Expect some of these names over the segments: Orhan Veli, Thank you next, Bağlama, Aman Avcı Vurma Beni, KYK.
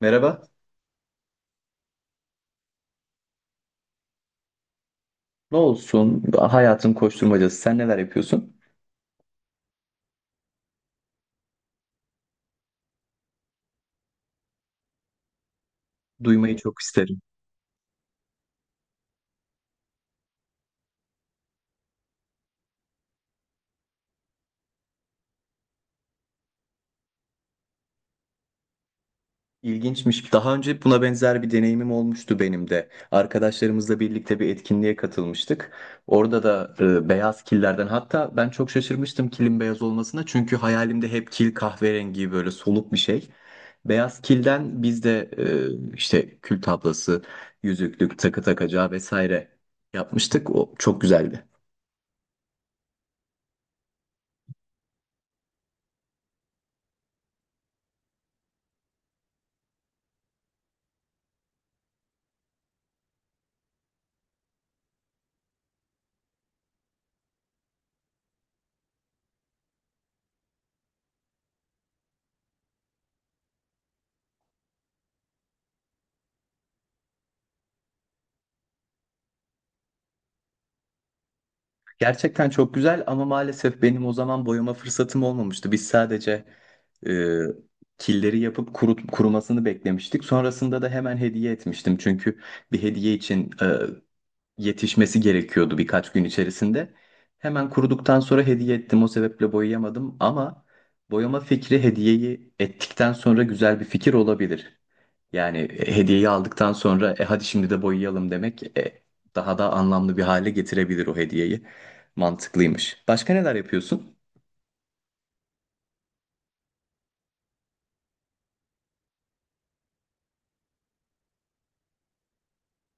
Merhaba. Ne olsun? Hayatın koşturmacası. Sen neler yapıyorsun? Duymayı çok isterim. İlginçmiş. Daha önce buna benzer bir deneyimim olmuştu benim de. Arkadaşlarımızla birlikte bir etkinliğe katılmıştık. Orada da beyaz killerden hatta ben çok şaşırmıştım kilin beyaz olmasına. Çünkü hayalimde hep kil kahverengi böyle soluk bir şey. Beyaz kilden biz de işte kül tablası, yüzüklük, takı takacağı vesaire yapmıştık. O çok güzeldi. Gerçekten çok güzel ama maalesef benim o zaman boyama fırsatım olmamıştı. Biz sadece e, killeri yapıp kurumasını beklemiştik. Sonrasında da hemen hediye etmiştim. Çünkü bir hediye için yetişmesi gerekiyordu birkaç gün içerisinde. Hemen kuruduktan sonra hediye ettim. O sebeple boyayamadım ama boyama fikri hediyeyi ettikten sonra güzel bir fikir olabilir. Yani hediyeyi aldıktan sonra hadi şimdi de boyayalım demek daha da anlamlı bir hale getirebilir o hediyeyi. Mantıklıymış. Başka neler yapıyorsun?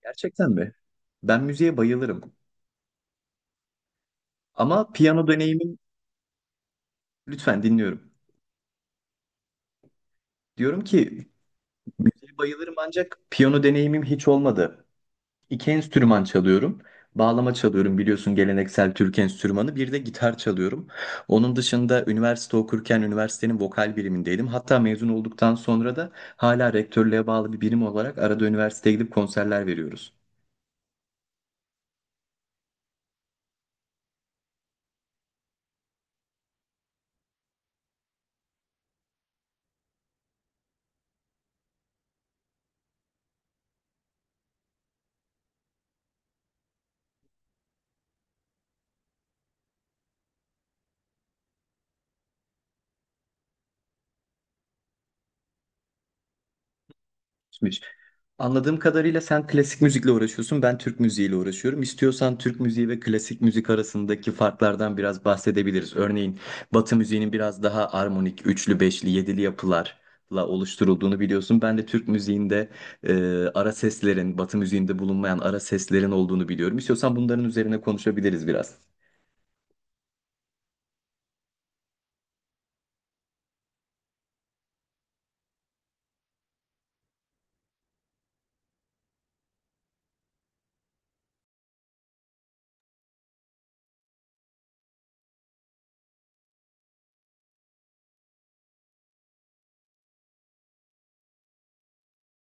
Gerçekten mi? Ben müziğe bayılırım. Ama piyano deneyimim lütfen dinliyorum. Diyorum ki müziğe bayılırım ancak piyano deneyimim hiç olmadı. İki enstrüman çalıyorum. Bağlama çalıyorum biliyorsun geleneksel Türk enstrümanı. Bir de gitar çalıyorum. Onun dışında üniversite okurken üniversitenin vokal birimindeydim. Hatta mezun olduktan sonra da hala rektörlüğe bağlı bir birim olarak arada üniversiteye gidip konserler veriyoruz. Anladığım kadarıyla sen klasik müzikle uğraşıyorsun, ben Türk müziğiyle uğraşıyorum. İstiyorsan Türk müziği ve klasik müzik arasındaki farklardan biraz bahsedebiliriz. Örneğin Batı müziğinin biraz daha armonik, üçlü, beşli, yedili yapılarla oluşturulduğunu biliyorsun. Ben de Türk müziğinde e, ara seslerin, Batı müziğinde bulunmayan ara seslerin olduğunu biliyorum. İstiyorsan bunların üzerine konuşabiliriz biraz.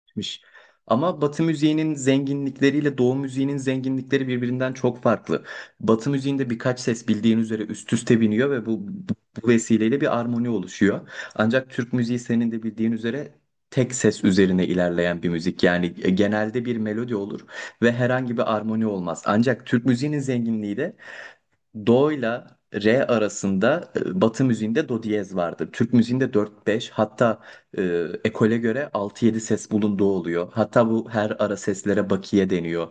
Gitmiş. Ama Batı müziğinin zenginlikleriyle Doğu müziğinin zenginlikleri birbirinden çok farklı. Batı müziğinde birkaç ses bildiğin üzere üst üste biniyor ve bu vesileyle bir armoni oluşuyor. Ancak Türk müziği senin de bildiğin üzere tek ses üzerine ilerleyen bir müzik. Yani genelde bir melodi olur ve herhangi bir armoni olmaz. Ancak Türk müziğinin zenginliği de Do'yla re arasında Batı müziğinde do diyez vardır. Türk müziğinde 4-5 hatta e, ekole göre 6-7 ses bulunduğu oluyor. Hatta bu her ara seslere bakiye deniyor.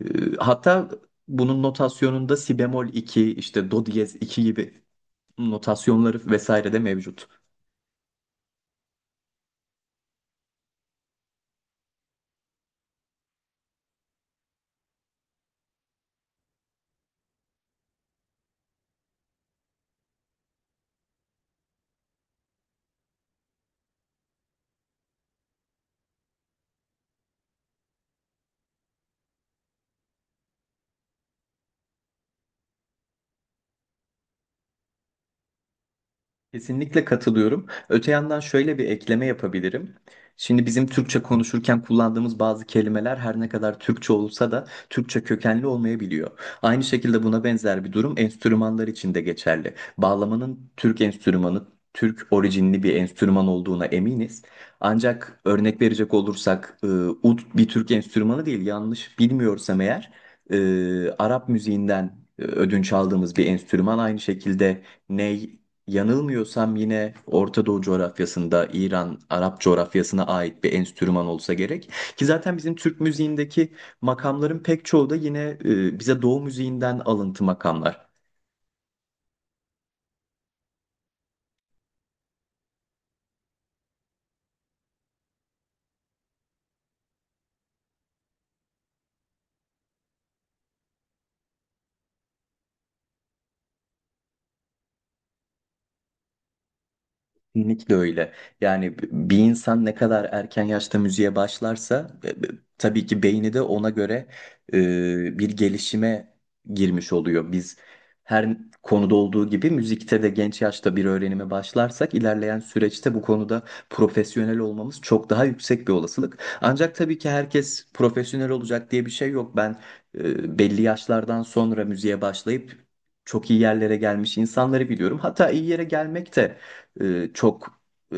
Hatta bunun notasyonunda si bemol 2 işte do diyez 2 gibi notasyonları vesaire de mevcut. Kesinlikle katılıyorum. Öte yandan şöyle bir ekleme yapabilirim. Şimdi bizim Türkçe konuşurken kullandığımız bazı kelimeler her ne kadar Türkçe olsa da Türkçe kökenli olmayabiliyor. Aynı şekilde buna benzer bir durum enstrümanlar için de geçerli. Bağlamanın Türk enstrümanı, Türk orijinli bir enstrüman olduğuna eminiz. Ancak örnek verecek olursak ud bir Türk enstrümanı değil yanlış bilmiyorsam eğer Arap müziğinden ödünç aldığımız bir enstrüman aynı şekilde ney. Yanılmıyorsam yine Orta Doğu coğrafyasında İran, Arap coğrafyasına ait bir enstrüman olsa gerek. Ki zaten bizim Türk müziğindeki makamların pek çoğu da yine bize Doğu müziğinden alıntı makamlar. Kesinlikle öyle. Yani bir insan ne kadar erken yaşta müziğe başlarsa tabii ki beyni de ona göre bir gelişime girmiş oluyor. Biz her konuda olduğu gibi müzikte de genç yaşta bir öğrenime başlarsak ilerleyen süreçte bu konuda profesyonel olmamız çok daha yüksek bir olasılık. Ancak tabii ki herkes profesyonel olacak diye bir şey yok. Ben belli yaşlardan sonra müziğe başlayıp çok iyi yerlere gelmiş insanları biliyorum. Hatta iyi yere gelmek de e, çok e,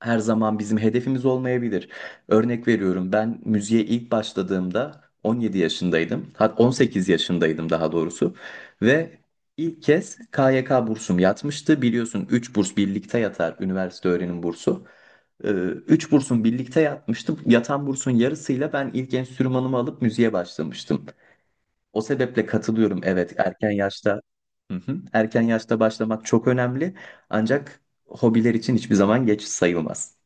her zaman bizim hedefimiz olmayabilir. Örnek veriyorum ben müziğe ilk başladığımda 17 yaşındaydım. 18 yaşındaydım daha doğrusu ve ilk kez KYK bursum yatmıştı. Biliyorsun 3 burs birlikte yatar üniversite öğrenim bursu. Üç bursun birlikte yatmıştı. Yatan bursun yarısıyla ben ilk enstrümanımı alıp müziğe başlamıştım. O sebeple katılıyorum. Evet, erken yaşta. Hı hı. Erken yaşta başlamak çok önemli. Ancak hobiler için hiçbir zaman geç sayılmaz.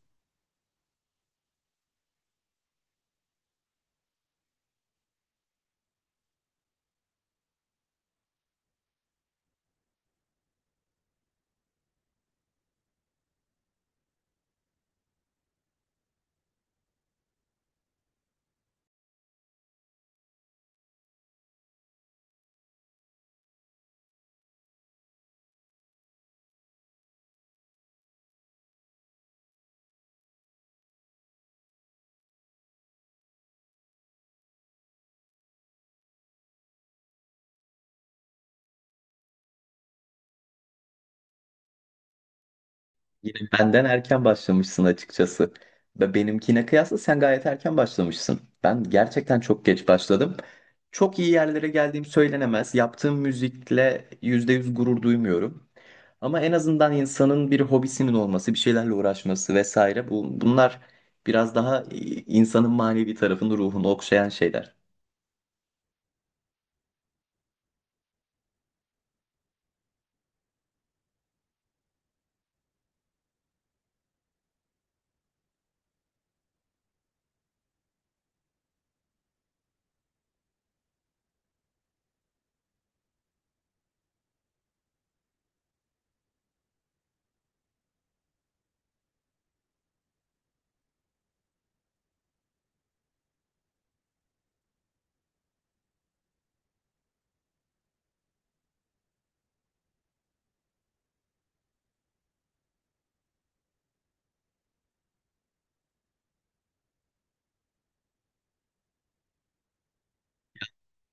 Yine benden erken başlamışsın açıkçası. Ve benimkine kıyasla sen gayet erken başlamışsın. Ben gerçekten çok geç başladım. Çok iyi yerlere geldiğim söylenemez. Yaptığım müzikle %100 gurur duymuyorum. Ama en azından insanın bir hobisinin olması, bir şeylerle uğraşması vesaire bunlar biraz daha insanın manevi tarafını, ruhunu okşayan şeyler.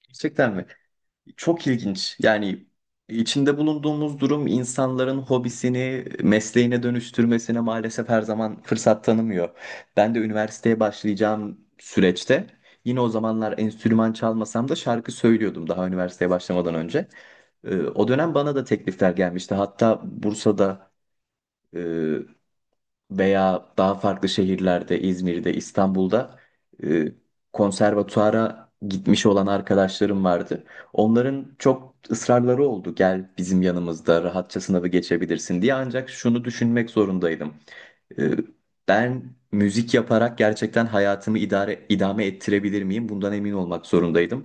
Gerçekten mi? Çok ilginç. Yani içinde bulunduğumuz durum insanların hobisini mesleğine dönüştürmesine maalesef her zaman fırsat tanımıyor. Ben de üniversiteye başlayacağım süreçte yine o zamanlar enstrüman çalmasam da şarkı söylüyordum daha üniversiteye başlamadan önce. O dönem bana da teklifler gelmişti. Hatta Bursa'da e, veya daha farklı şehirlerde, İzmir'de, İstanbul'da e, konservatuara gitmiş olan arkadaşlarım vardı. Onların çok ısrarları oldu. Gel bizim yanımızda rahatça sınavı geçebilirsin diye. Ancak şunu düşünmek zorundaydım. E, ben müzik yaparak gerçekten hayatımı idare idame ettirebilir miyim? Bundan emin olmak zorundaydım.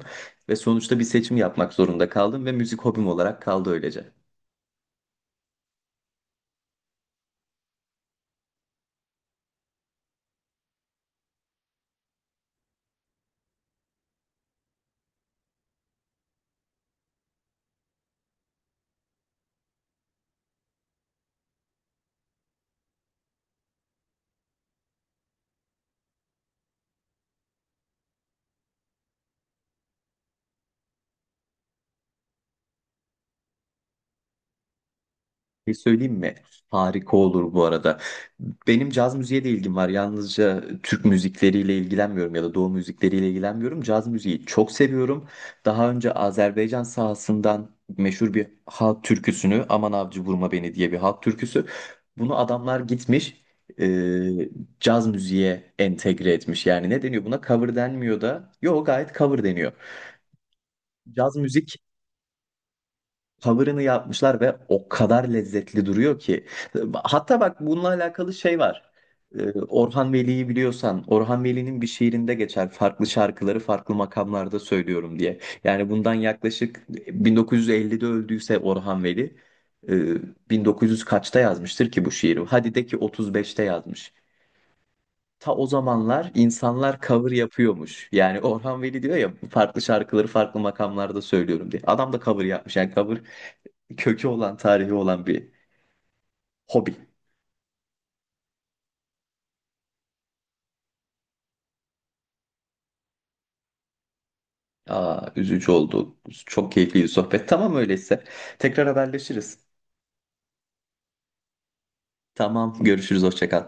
Ve sonuçta bir seçim yapmak zorunda kaldım ve müzik hobim olarak kaldı öylece. Bir şey söyleyeyim mi? Harika olur bu arada. Benim caz müziğe de ilgim var. Yalnızca Türk müzikleriyle ilgilenmiyorum ya da Doğu müzikleriyle ilgilenmiyorum. Caz müziği çok seviyorum. Daha önce Azerbaycan sahasından meşhur bir halk türküsünü Aman Avcı Vurma Beni diye bir halk türküsü. Bunu adamlar gitmiş e, caz müziğe entegre etmiş. Yani ne deniyor buna? Cover denmiyor da. Yo gayet cover deniyor. Caz müzik cover'ını yapmışlar ve o kadar lezzetli duruyor ki. Hatta bak bununla alakalı şey var. Orhan Veli'yi biliyorsan, Orhan Veli'nin bir şiirinde geçer farklı şarkıları farklı makamlarda söylüyorum diye. Yani bundan yaklaşık 1950'de öldüyse Orhan Veli, 1900 kaçta yazmıştır ki bu şiiri? Hadi de ki 35'te yazmış. Ta o zamanlar insanlar cover yapıyormuş. Yani Orhan Veli diyor ya farklı şarkıları farklı makamlarda söylüyorum diye. Adam da cover yapmış. Yani cover kökü olan, tarihi olan bir hobi. Aa, üzücü oldu. Çok keyifli bir sohbet. Tamam öyleyse. Tekrar haberleşiriz. Tamam, görüşürüz. Hoşça kal.